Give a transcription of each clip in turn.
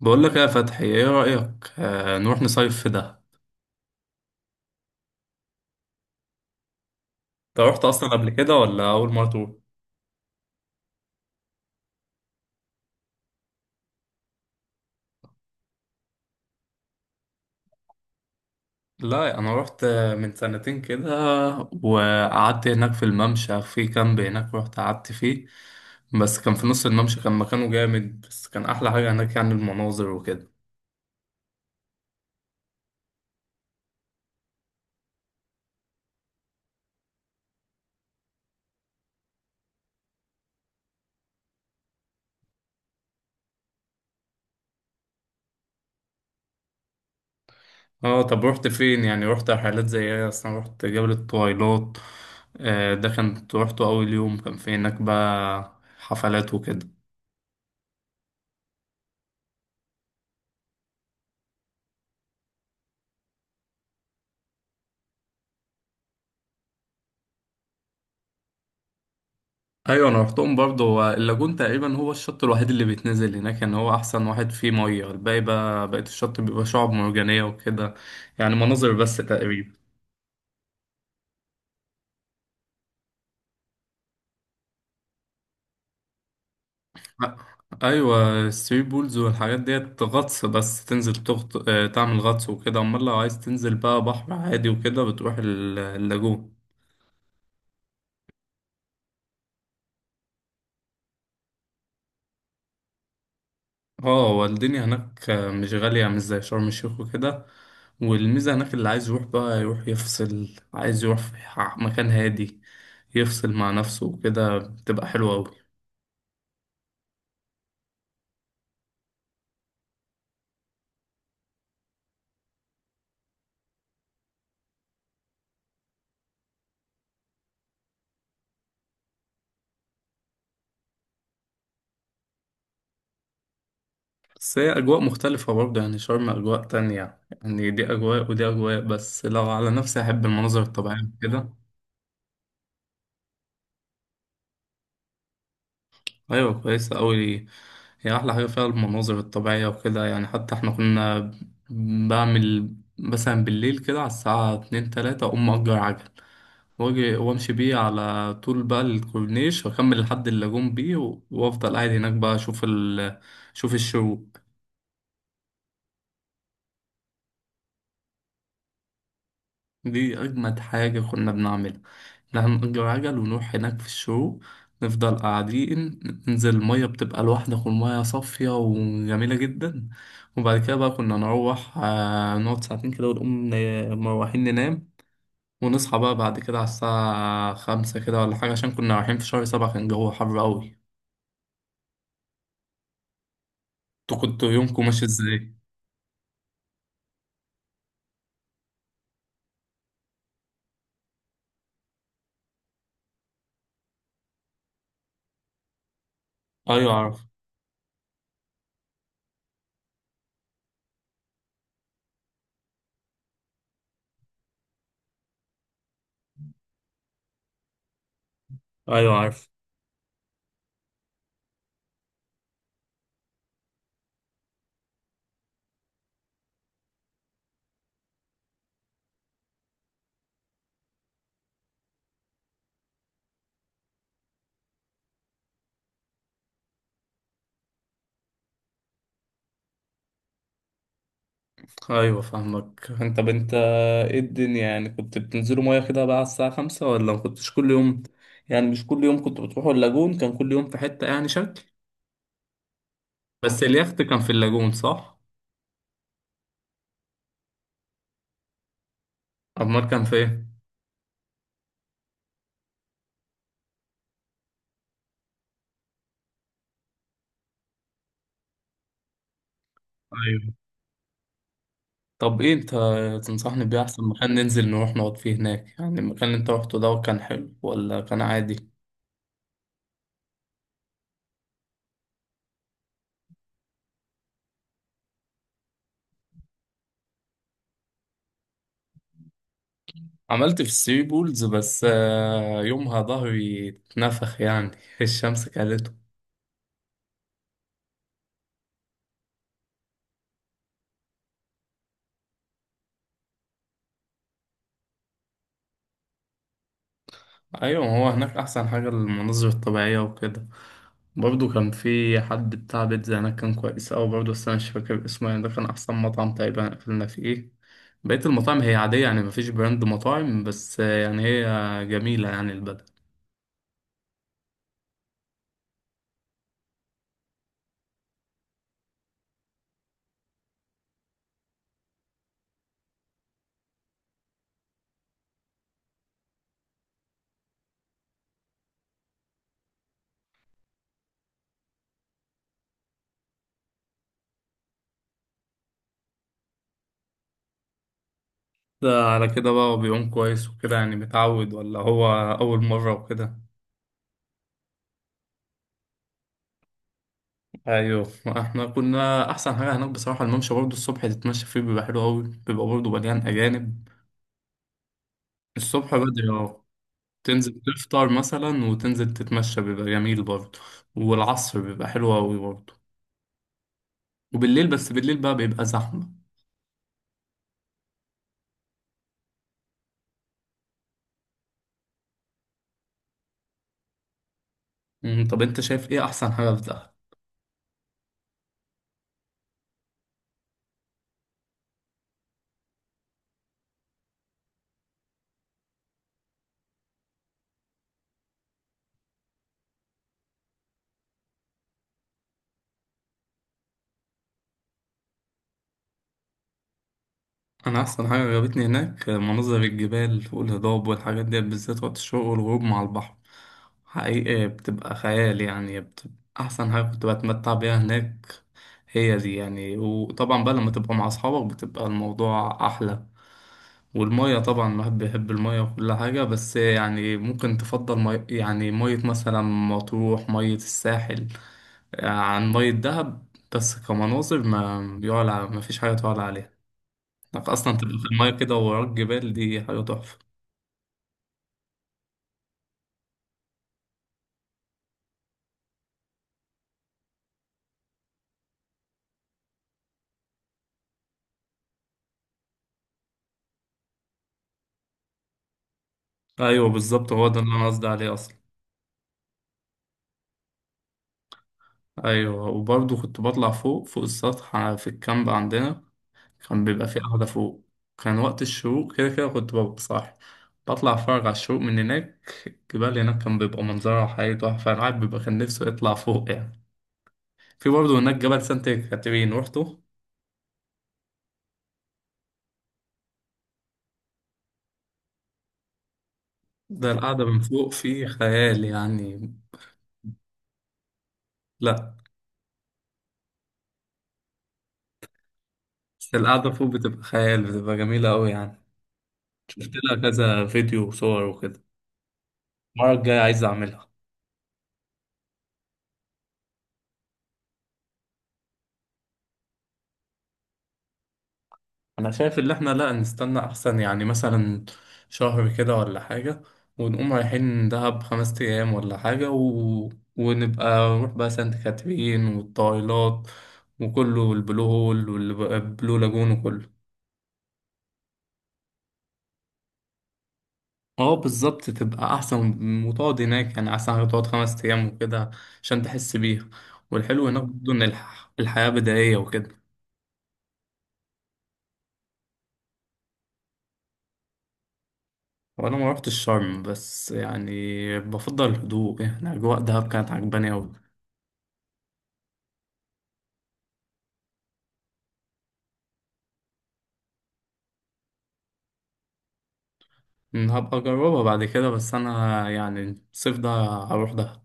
بقول لك إيه يا فتحي، ايه رأيك، نروح نصيف في دهب؟ انت رحت اصلا قبل كده ولا اول مرة تروح؟ لا، انا رحت من سنتين كده، وقعدت هناك في الممشى، في كامب هناك رحت قعدت فيه. بس كان في نص الممشى، كان مكانه جامد، بس كان احلى حاجة هناك يعني المناظر وكده. اه، طب رحت فين؟ يعني رحت رحلات زي ايه؟ اصلا رحت جبل الطويلات؟ آه، ده كان روحته اول يوم، كان في هناك بقى حفلات وكده. ايوه انا رحتهم برضه، هو اللاجون تقريبا هو الشط الوحيد اللي بيتنزل هناك، ان هو احسن واحد فيه ميه. الباقي بقى، بقيت الشط بيبقى شعاب مرجانيه وكده، يعني مناظر بس تقريبا. أ- ايوه، الثري بولز والحاجات ديت غطس، بس تنزل تغط... آه، تعمل غطس وكده. امال لو عايز تنزل بقى بحر عادي وكده بتروح اللاجون. اه، هو الدنيا هناك مش غالية، مش زي شرم الشيخ وكده. والميزة هناك اللي عايز يروح بقى يروح يفصل، عايز يروح في مكان هادي يفصل مع نفسه وكده، بتبقى حلوة أوي. بس هي أجواء مختلفة برضه، يعني شرم أجواء تانية، يعني دي أجواء ودي أجواء، بس لو على نفسي أحب المناظر الطبيعية كده. أيوة كويسة أوي، هي أحلى حاجة فيها المناظر الطبيعية وكده، يعني حتى إحنا كنا بعمل مثلا بالليل كده على الساعة اتنين تلاتة أقوم مأجر عجل، واجي وامشي بيه على طول بقى الكورنيش، واكمل لحد اللاجون بيه، وافضل قاعد هناك بقى اشوف الشروق. دي اجمد حاجة كنا بنعملها، إن إحنا هنأجر عجل ونروح هناك في الشروق، نفضل قاعدين، ننزل المية بتبقى لوحدك والمية صافية وجميلة جدا. وبعد كده بقى كنا نروح نقعد ساعتين كده ونقوم مروحين ننام، ونصحى بقى بعد كده على الساعة 5 كده ولا حاجة، عشان كنا رايحين في شهر 7، كان الجو حر أوي. انتوا كنتوا يومكم ماشي ازاي؟ ايوه عارف. ايوه عارف. ايوه فاهمك. انت طب انت ايه الدنيا، يعني كنت بتنزلوا ميه كده بقى على الساعه 5 ولا ما كنتش كل يوم؟ يعني مش كل يوم كنتوا بتروحوا اللاجون، كان كل يوم في حته يعني شكل؟ بس اليخت كان في اللاجون صح؟ امال كان في ايه؟ ايوه، طب ايه انت تنصحني بيه احسن مكان ننزل نروح نقعد فيه هناك؟ يعني المكان اللي انت روحته ده كان حلو ولا كان عادي؟ عملت في الثري بولز، بس يومها ظهري اتنفخ يعني الشمس كانت. ايوه، ما هو هناك احسن حاجه المناظر الطبيعيه وكده. برضو كان في حد بتاع بيتزا هناك كان كويس اوي برضو، بس انا مش فاكر اسمه، يعني ده كان احسن مطعم تقريبا اكلنا فيه. بقيه المطاعم هي عاديه، يعني مفيش براند مطاعم، بس يعني هي جميله يعني البلد. ده على كده بقى هو بيعوم كويس وكده يعني متعود، ولا هو اول مره وكده؟ ايوه، احنا كنا احسن حاجه هناك بصراحه الممشى، برضو الصبح تتمشى فيه بيبقى حلو اوي، بيبقى برضو مليان اجانب. الصبح بدري، اه. تنزل تفطر مثلا وتنزل تتمشى بيبقى جميل برضه، والعصر بيبقى حلو أوي برضه، وبالليل، بس بالليل بقى بيبقى زحمة. طب أنت شايف إيه أحسن حاجة في دهب؟ أنا أحسن حاجة عجبتني هناك مناظر الجبال والهضاب والحاجات دي، بالذات وقت الشروق والغروب مع البحر، حقيقي بتبقى خيال، يعني بتبقى أحسن حاجة كنت بتمتع بيها هناك. هي دي يعني، وطبعا بقى لما تبقى مع أصحابك بتبقى الموضوع أحلى. والمية طبعا الواحد بيحب المية وكل حاجة، بس يعني ممكن تفضل يعني مية مثلا مطروح، مية الساحل عن مية دهب، بس كمناظر ما يعلى، ما فيش حاجة تعلى عليها، انك أصلا تبقى في المية كده ووراك جبال، دي حاجة تحفة. أيوة بالظبط، هو ده اللي أنا قصدي عليه أصلا. أيوة، وبرضه كنت بطلع فوق، فوق السطح في الكامب عندنا كان بيبقى في قعدة فوق، كان وقت الشروق كده كده كنت ببقى صاحي، بطلع أتفرج على الشروق من هناك. الجبال هناك كان بيبقى منظرها حقيقي تحفة، الواحد بيبقى كان نفسه يطلع فوق يعني. في برضه هناك جبل سانت كاترين، روحته؟ ده القعدة من فوق فيه خيال يعني. لأ. بس القعدة فوق بتبقى خيال، بتبقى جميلة أوي يعني، شفت لها كذا فيديو وصور وكده، المرة الجاية عايز أعملها. انا شايف ان احنا لا، نستنى احسن، يعني مثلا شهر كده ولا حاجة، ونقوم رايحين دهب 5 ايام ولا حاجة ونبقى نروح بقى سانت كاترين والطايلات وكله، والبلو هول والبلو لاجون وكله. اه بالظبط، تبقى احسن وتقعد هناك، يعني احسن حاجة تقعد 5 ايام وكده عشان تحس بيها. والحلو هناك برضه ان الحياة بدائية وكده. وانا ما روحتش شرم، بس يعني بفضل الهدوء، يعني اجواء دهب كانت عجباني اوي. هبقى أجربها بعد كده، بس أنا يعني الصيف ده هروح ده.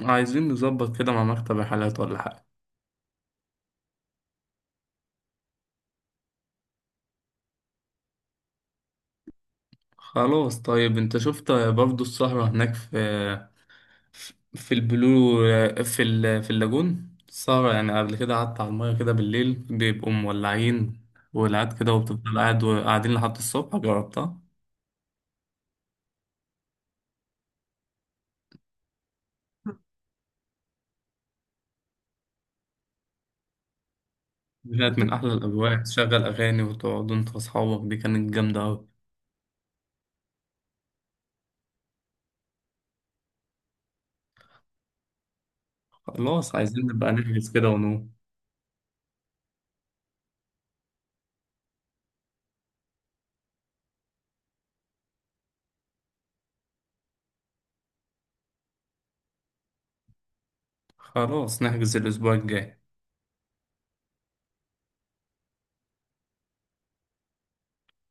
عايزين نظبط كده مع مكتب رحلات ولا حاجة؟ خلاص طيب، أنت شفت برضو السهرة هناك في البلو، في اللاجون السهرة، يعني قبل كده قعدت على المية كده بالليل، بيبقوا مولعين، والقعد كده، وبتفضل قاعد وقاعدين لحد الصبح، جربتها؟ كانت من أحلى الأجواء، تشغل أغاني وتقعدوا أنت وأصحابك، دي كانت جامدة أوي. خلاص عايزين نبقى نحجز كده ونقوم. خلاص نحجز الأسبوع الجاي.